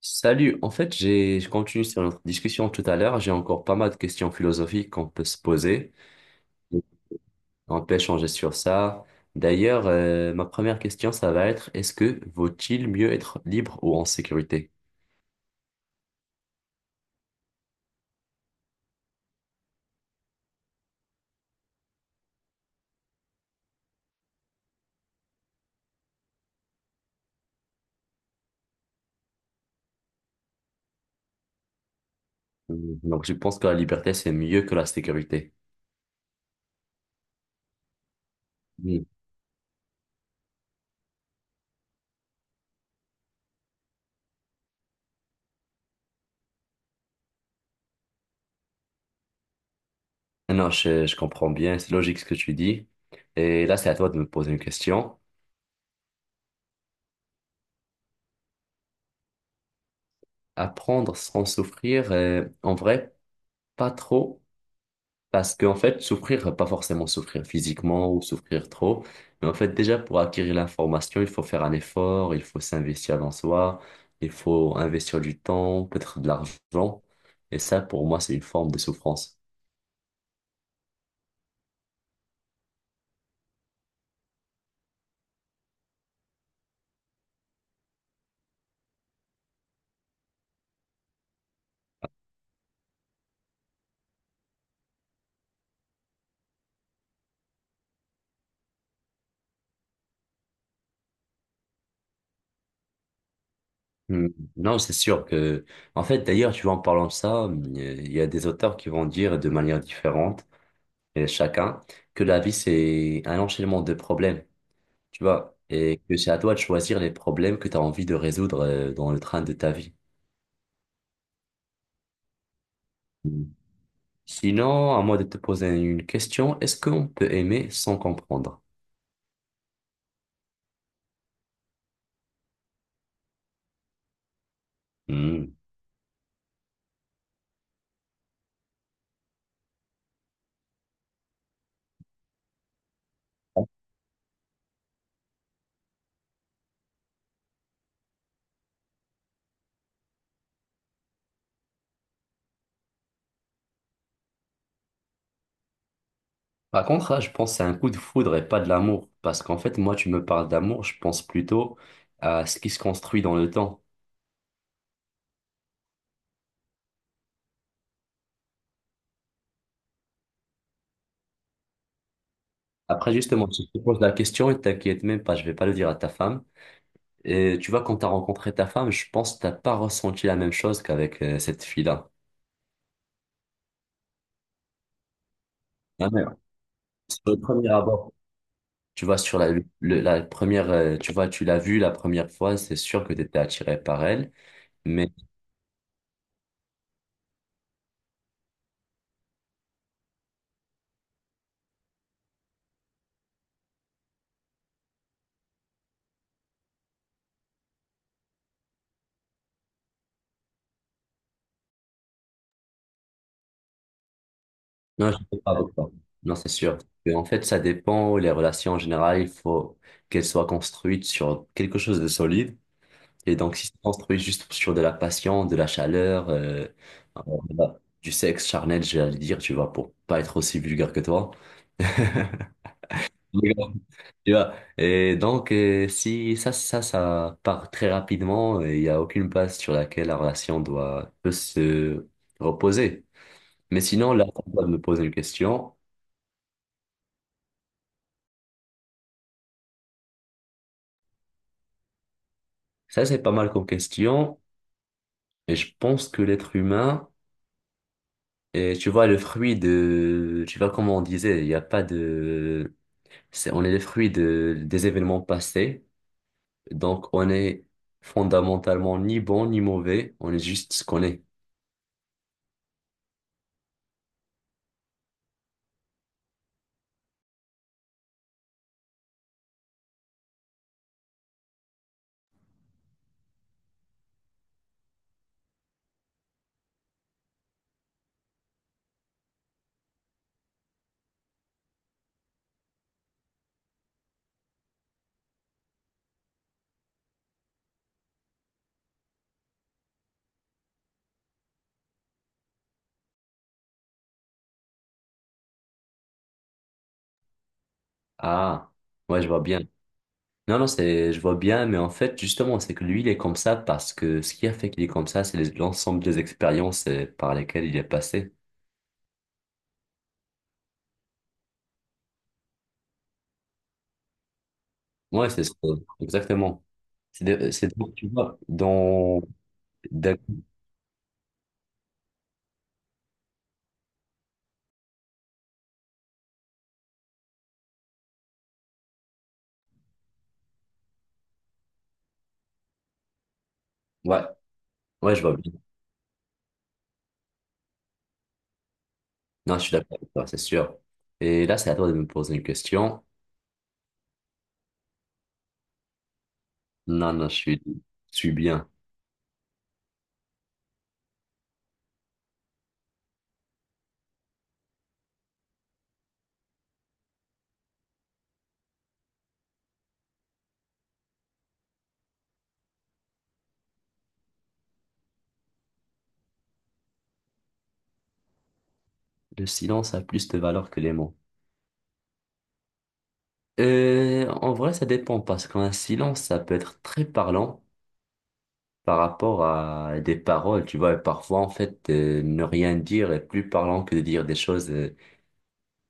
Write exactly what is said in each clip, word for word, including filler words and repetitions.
Salut, en fait, j'ai, je continue sur notre discussion tout à l'heure. J'ai encore pas mal de questions philosophiques qu'on peut se poser. On peut échanger sur ça. D'ailleurs, euh, ma première question, ça va être, est-ce que vaut-il mieux être libre ou en sécurité? Mm, donc, je pense que la liberté, c'est mieux que la sécurité. Mm. Non, je, je comprends bien, c'est logique ce que tu dis. Et là, c'est à toi de me poser une question. Apprendre sans souffrir, euh, en vrai, pas trop. Parce qu'en fait, souffrir, pas forcément souffrir physiquement ou souffrir trop, mais en fait, déjà pour acquérir l'information, il faut faire un effort, il faut s'investir dans soi, il faut investir du temps, peut-être de l'argent. Et ça, pour moi, c'est une forme de souffrance. Hmm. Non, c'est sûr que, en fait, d'ailleurs, tu vois, en parlant de ça, il y a des auteurs qui vont dire de manière différente, et chacun, que la vie, c'est un enchaînement de problèmes, tu vois, et que c'est à toi de choisir les problèmes que tu as envie de résoudre euh, dans le train de ta vie. Sinon, à moi de te poser une question. Est-ce qu'on peut aimer sans comprendre? Hmm. Par contre, là, je pense que c'est un coup de foudre et pas de l'amour. Parce qu'en fait, moi, tu me parles d'amour, je pense plutôt à ce qui se construit dans le temps. Après, justement, si je te pose la question et t'inquiète même pas, je vais pas le dire à ta femme. Et tu vois, quand t'as rencontré ta femme, je pense que t'as pas ressenti la même chose qu'avec euh, cette fille-là. Ah, mais sur le premier abord, tu vois, sur la, le- la première, euh, tu vois, tu l'as vue la première fois, c'est sûr que tu étais attiré par elle, mais... Non, je ne suis pas avocat. Non, c'est sûr. Mais en fait, ça dépend. Les relations en général, il faut qu'elles soient construites sur quelque chose de solide. Et donc, si c'est construit juste sur de la passion, de la chaleur, euh, euh, voilà, du sexe charnel, j'allais dire, tu vois, pour pas être aussi vulgaire que toi. Mais bon, tu vois. Et donc, euh, si ça, ça, ça part très rapidement, et il n'y a aucune base sur laquelle la relation doit peut se reposer. Mais sinon, là, on va me poser une question. Ça, c'est pas mal comme question. Et je pense que l'être humain est, tu vois, le fruit de, tu vois, comme on disait, il n'y a pas de, c'est, on est le fruit de, des événements passés. Donc, on est fondamentalement ni bon ni mauvais. On est juste ce qu'on est. Ah, ouais, je vois bien. Non, non, c'est, je vois bien, mais en fait, justement, c'est que lui, il est comme ça parce que ce qui a fait qu'il est comme ça, c'est les- l'ensemble des expériences euh, par lesquelles il est passé. Ouais, c'est ça. Exactement. C'est, de- c'est, de- tu vois, dans, d'un- ouais, ouais, je vois bien. Non, je suis d'accord avec toi, c'est sûr. Et là, c'est à toi de me poser une question. Non, non, je suis, je suis bien. Le silence a plus de valeur que les mots. Euh, en vrai, ça dépend parce qu'un silence, ça peut être très parlant par rapport à des paroles, tu vois. Et parfois, en fait, euh, ne rien dire est plus parlant que de dire des choses euh,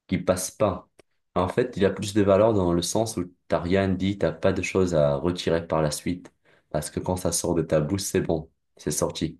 qui passent pas. En fait, il y a plus de valeur dans le sens où t'as rien dit, t'as pas de choses à retirer par la suite. Parce que quand ça sort de ta bouche, c'est bon, c'est sorti.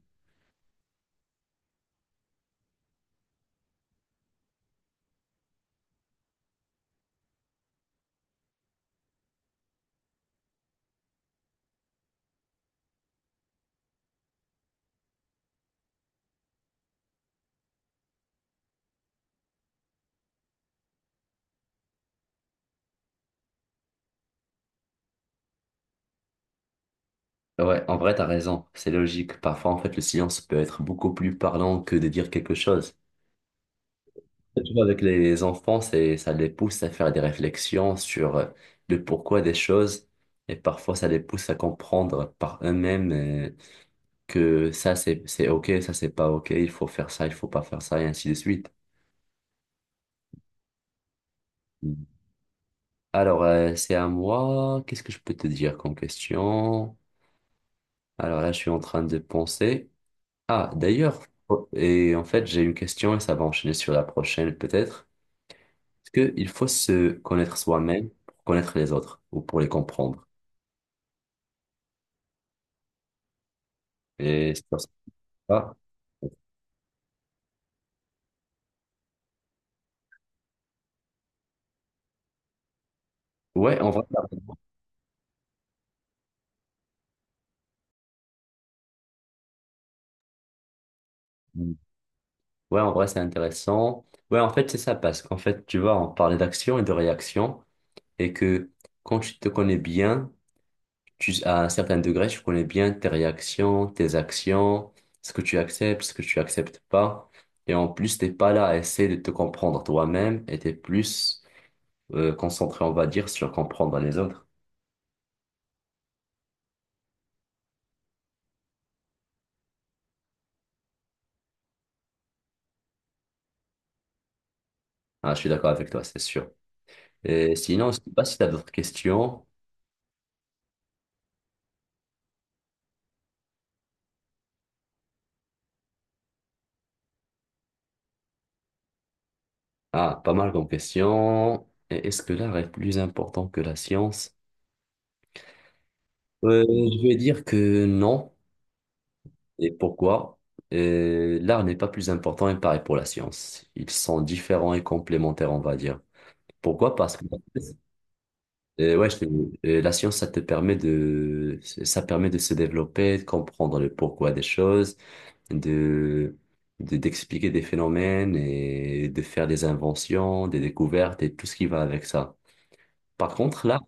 Ouais, en vrai, t'as raison, c'est logique. Parfois, en fait, le silence peut être beaucoup plus parlant que de dire quelque chose. Et tu vois, avec les enfants, c'est, ça les pousse à faire des réflexions sur euh, le pourquoi des choses, et parfois, ça les pousse à comprendre par eux-mêmes euh, que ça, c'est, c'est OK, ça, c'est pas OK, il faut faire ça, il faut pas faire ça, et ainsi de suite. Mm. Alors, euh, c'est à moi, qu'est-ce que je peux te dire comme question? Alors là, je suis en train de penser. Ah, d'ailleurs, oh, et en fait, j'ai une question et ça va enchaîner sur la prochaine peut-être. Est-ce qu'il faut se connaître soi-même pour connaître les autres ou pour les comprendre? Et c'est pour ça. Ouais, en vrai, t'as raison. Mm. Ouais, en vrai, c'est intéressant. Ouais, en fait, c'est ça parce qu'en fait, tu vois, on parlait d'action et de réaction et que quand tu te connais bien, tu- à un certain degré, tu connais bien tes réactions, tes actions, ce que tu acceptes, ce que tu acceptes pas. Et en plus, t'es pas là à essayer de te comprendre toi-même et t'es plus euh, concentré, on va dire, sur comprendre les autres. Ah, je suis d'accord avec toi, c'est sûr. Et sinon, je sais pas si tu as d'autres questions. Ah, pas mal comme questions. Et est-ce que l'art est plus important que la science? Euh, je vais dire que non. Et pourquoi? Euh, l'art n'est pas plus important, et pareil pour la science. Ils sont différents et complémentaires, on va dire. Pourquoi? Parce que euh, ouais, je t'ai dit, euh, la science, ça te permet de, ça permet de se développer, de comprendre le pourquoi des choses, de, de- d'expliquer des phénomènes et de faire des inventions, des découvertes et tout ce qui va avec ça. Par contre, l'art,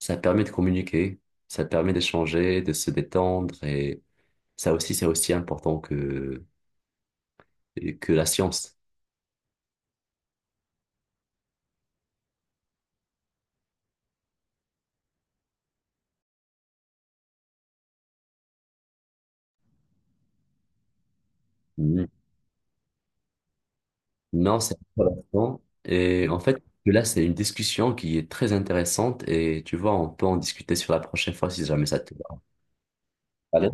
ça permet de communiquer, ça permet d'échanger, de se détendre et ça aussi, c'est aussi important que la science. Mm. Non, c'est intéressant. Et en fait, là, c'est une discussion qui est très intéressante et tu vois, on peut en discuter sur la prochaine fois si jamais ça te va. Allez.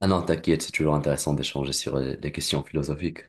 Ah non, t'inquiète, c'est toujours intéressant d'échanger sur euh, les questions philosophiques.